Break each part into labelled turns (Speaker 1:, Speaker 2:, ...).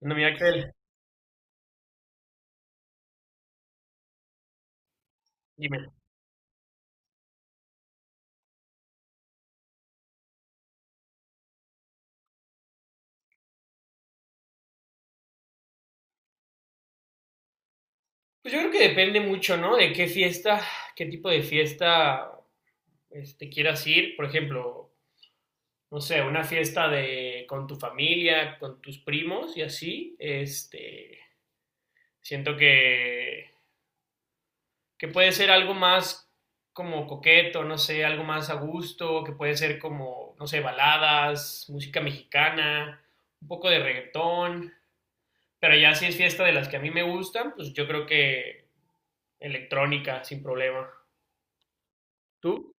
Speaker 1: No, mira, Axel, dime. Pues yo creo que depende mucho, ¿no? De qué fiesta, qué tipo de fiesta quieras ir. Por ejemplo, no sé, una fiesta de con tu familia, con tus primos y así. Siento que puede ser algo más como coqueto, no sé, algo más a gusto, que puede ser como, no sé, baladas, música mexicana, un poco de reggaetón. Pero ya si es fiesta de las que a mí me gustan, pues yo creo que electrónica sin problema. ¿Tú?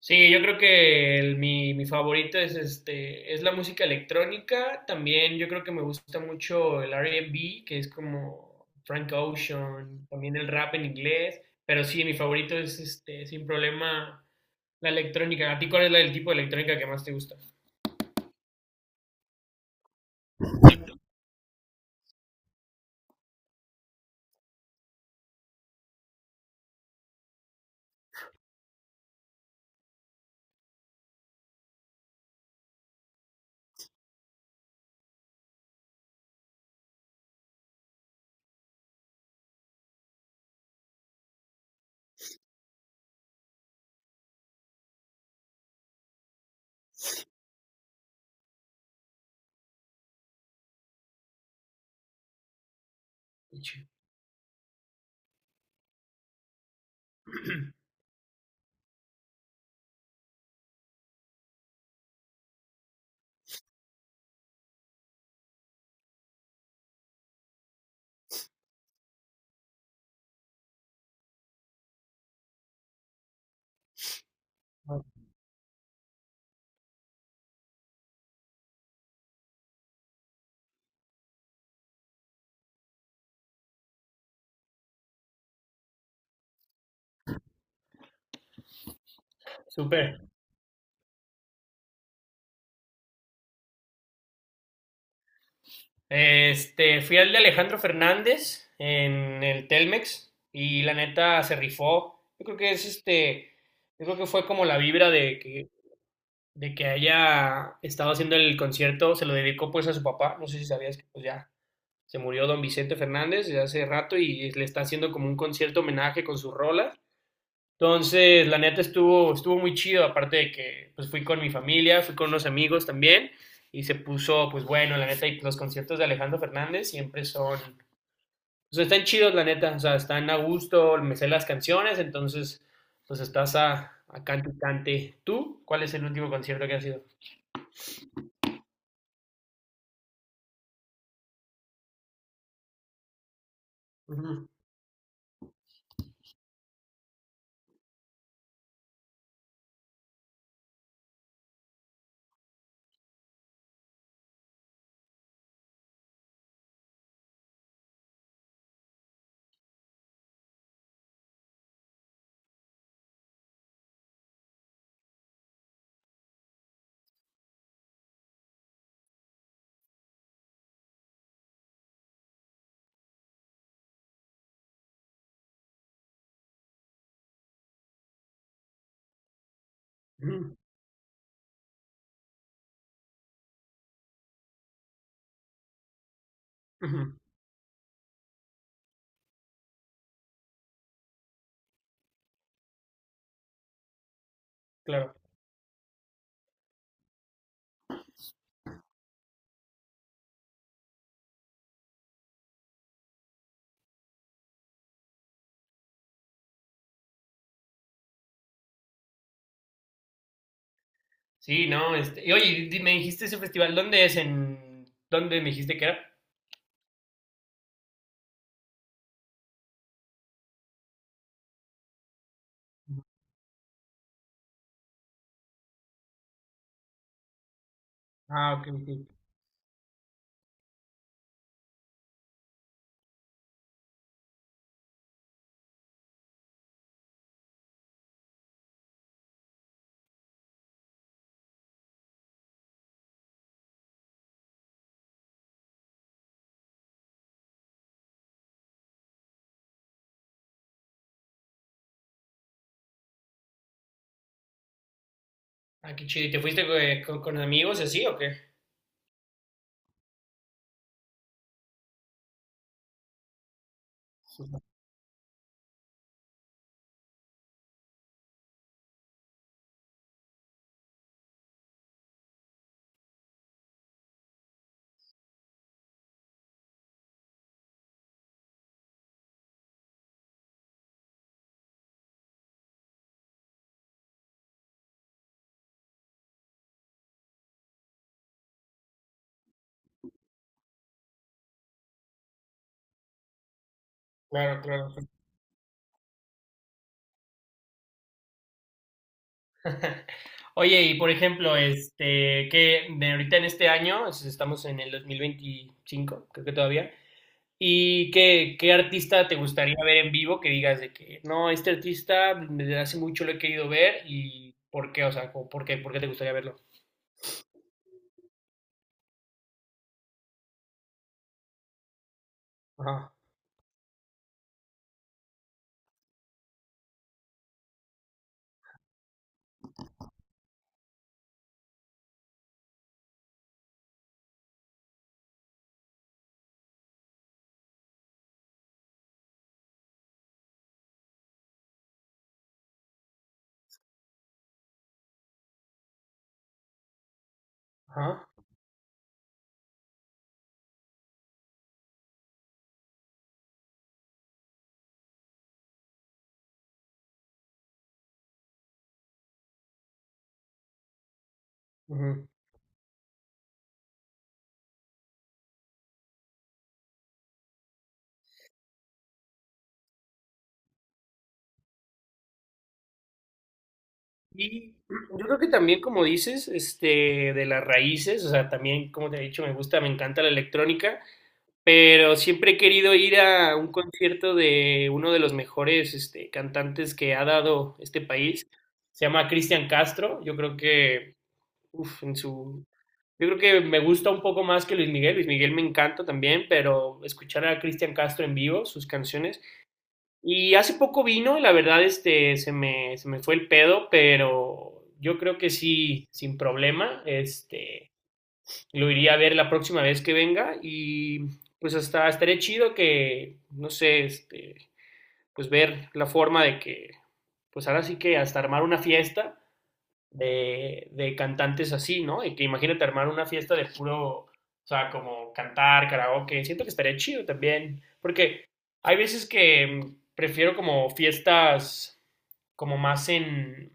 Speaker 1: Sí, yo creo que mi favorito es es la música electrónica. También yo creo que me gusta mucho el R&B, que es como Frank Ocean, también el rap en inglés. Pero sí, mi favorito es sin problema la electrónica. ¿A ti cuál es el tipo de electrónica que más te gusta? Ah, súper. Este, fui al de Alejandro Fernández en el Telmex y la neta se rifó. Yo creo que es yo creo que fue como la vibra de de que haya estado haciendo el concierto, se lo dedicó pues a su papá, no sé si sabías que pues ya se murió don Vicente Fernández desde hace rato y le está haciendo como un concierto homenaje con sus rolas. Entonces, la neta estuvo muy chido, aparte de que pues fui con mi familia, fui con unos amigos también, y se puso, pues bueno, la neta, y los conciertos de Alejandro Fernández siempre son, o sea, están chidos, la neta, o sea, están a gusto, me sé las canciones, entonces, pues estás a cante y cante. ¿Tú cuál es el último concierto que has ido? Ujú, ujú, ujú, claro. Sí, no, este, y oye, me dijiste ese festival, ¿dónde es? ¿En dónde me dijiste que era? Ah, ok, ok. Ah, qué chido. ¿Y te fuiste con amigos y así o qué? Claro, claro. Oye, y por ejemplo, este, que de ahorita en este año, estamos en el 2025 creo que todavía, ¿y qué, qué artista te gustaría ver en vivo que digas de que, no, este artista desde hace mucho lo he querido ver y por qué, o sea, como, por qué te gustaría verlo? Ajá, ajá, ujú. Y yo creo que también, como dices, este, de las raíces, o sea, también, como te he dicho, me gusta, me encanta la electrónica. Pero siempre he querido ir a un concierto de uno de los mejores cantantes que ha dado este país. Se llama Cristian Castro. Yo creo uf, en yo creo que me gusta un poco más que Luis Miguel. Luis Miguel me encanta también, pero escuchar a Cristian Castro en vivo, sus canciones. Y hace poco vino y la verdad este, se me fue el pedo, pero yo creo que sí, sin problema. Este, lo iría a ver la próxima vez que venga y pues hasta estaría chido no sé, este, pues ver la forma de pues ahora sí que hasta armar una fiesta de cantantes así, ¿no? Y que imagínate armar una fiesta de puro, o sea, como cantar, karaoke, siento que estaría chido también, porque hay veces que prefiero como fiestas como más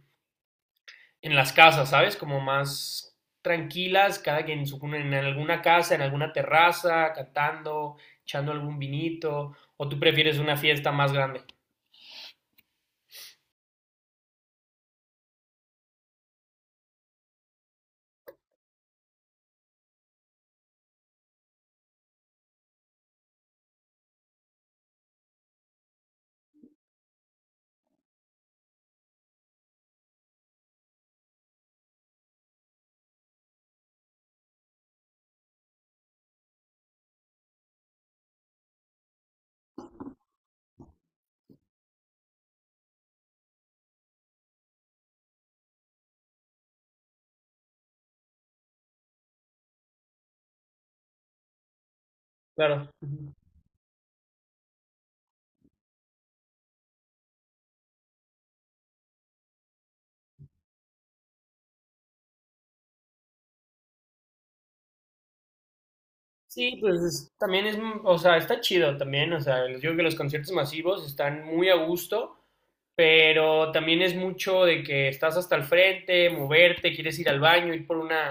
Speaker 1: en las casas, ¿sabes? Como más tranquilas, cada quien en alguna casa, en alguna terraza, cantando, echando algún vinito, o tú prefieres una fiesta más grande. Claro. Ujú. Sí, pues también o sea, está chido también, o sea, yo creo que los conciertos masivos están muy a gusto, pero también es mucho de que estás hasta el frente, moverte, quieres ir al baño, ir por una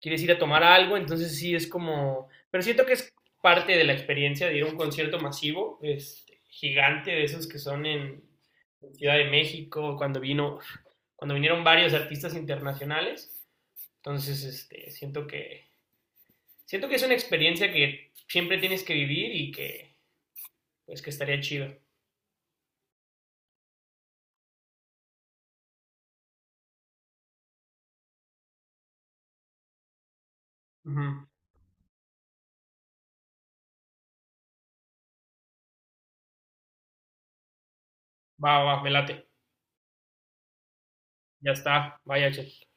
Speaker 1: quieres ir a tomar algo, entonces sí es como, pero siento que es parte de la experiencia de ir a un concierto masivo, este, gigante de esos que son en Ciudad de México, cuando vinieron varios artistas internacionales, entonces este, siento siento que es una experiencia que siempre tienes que vivir y pues que estaría chido. Ujú. Va, va, me late. Ya está. Vaya, che.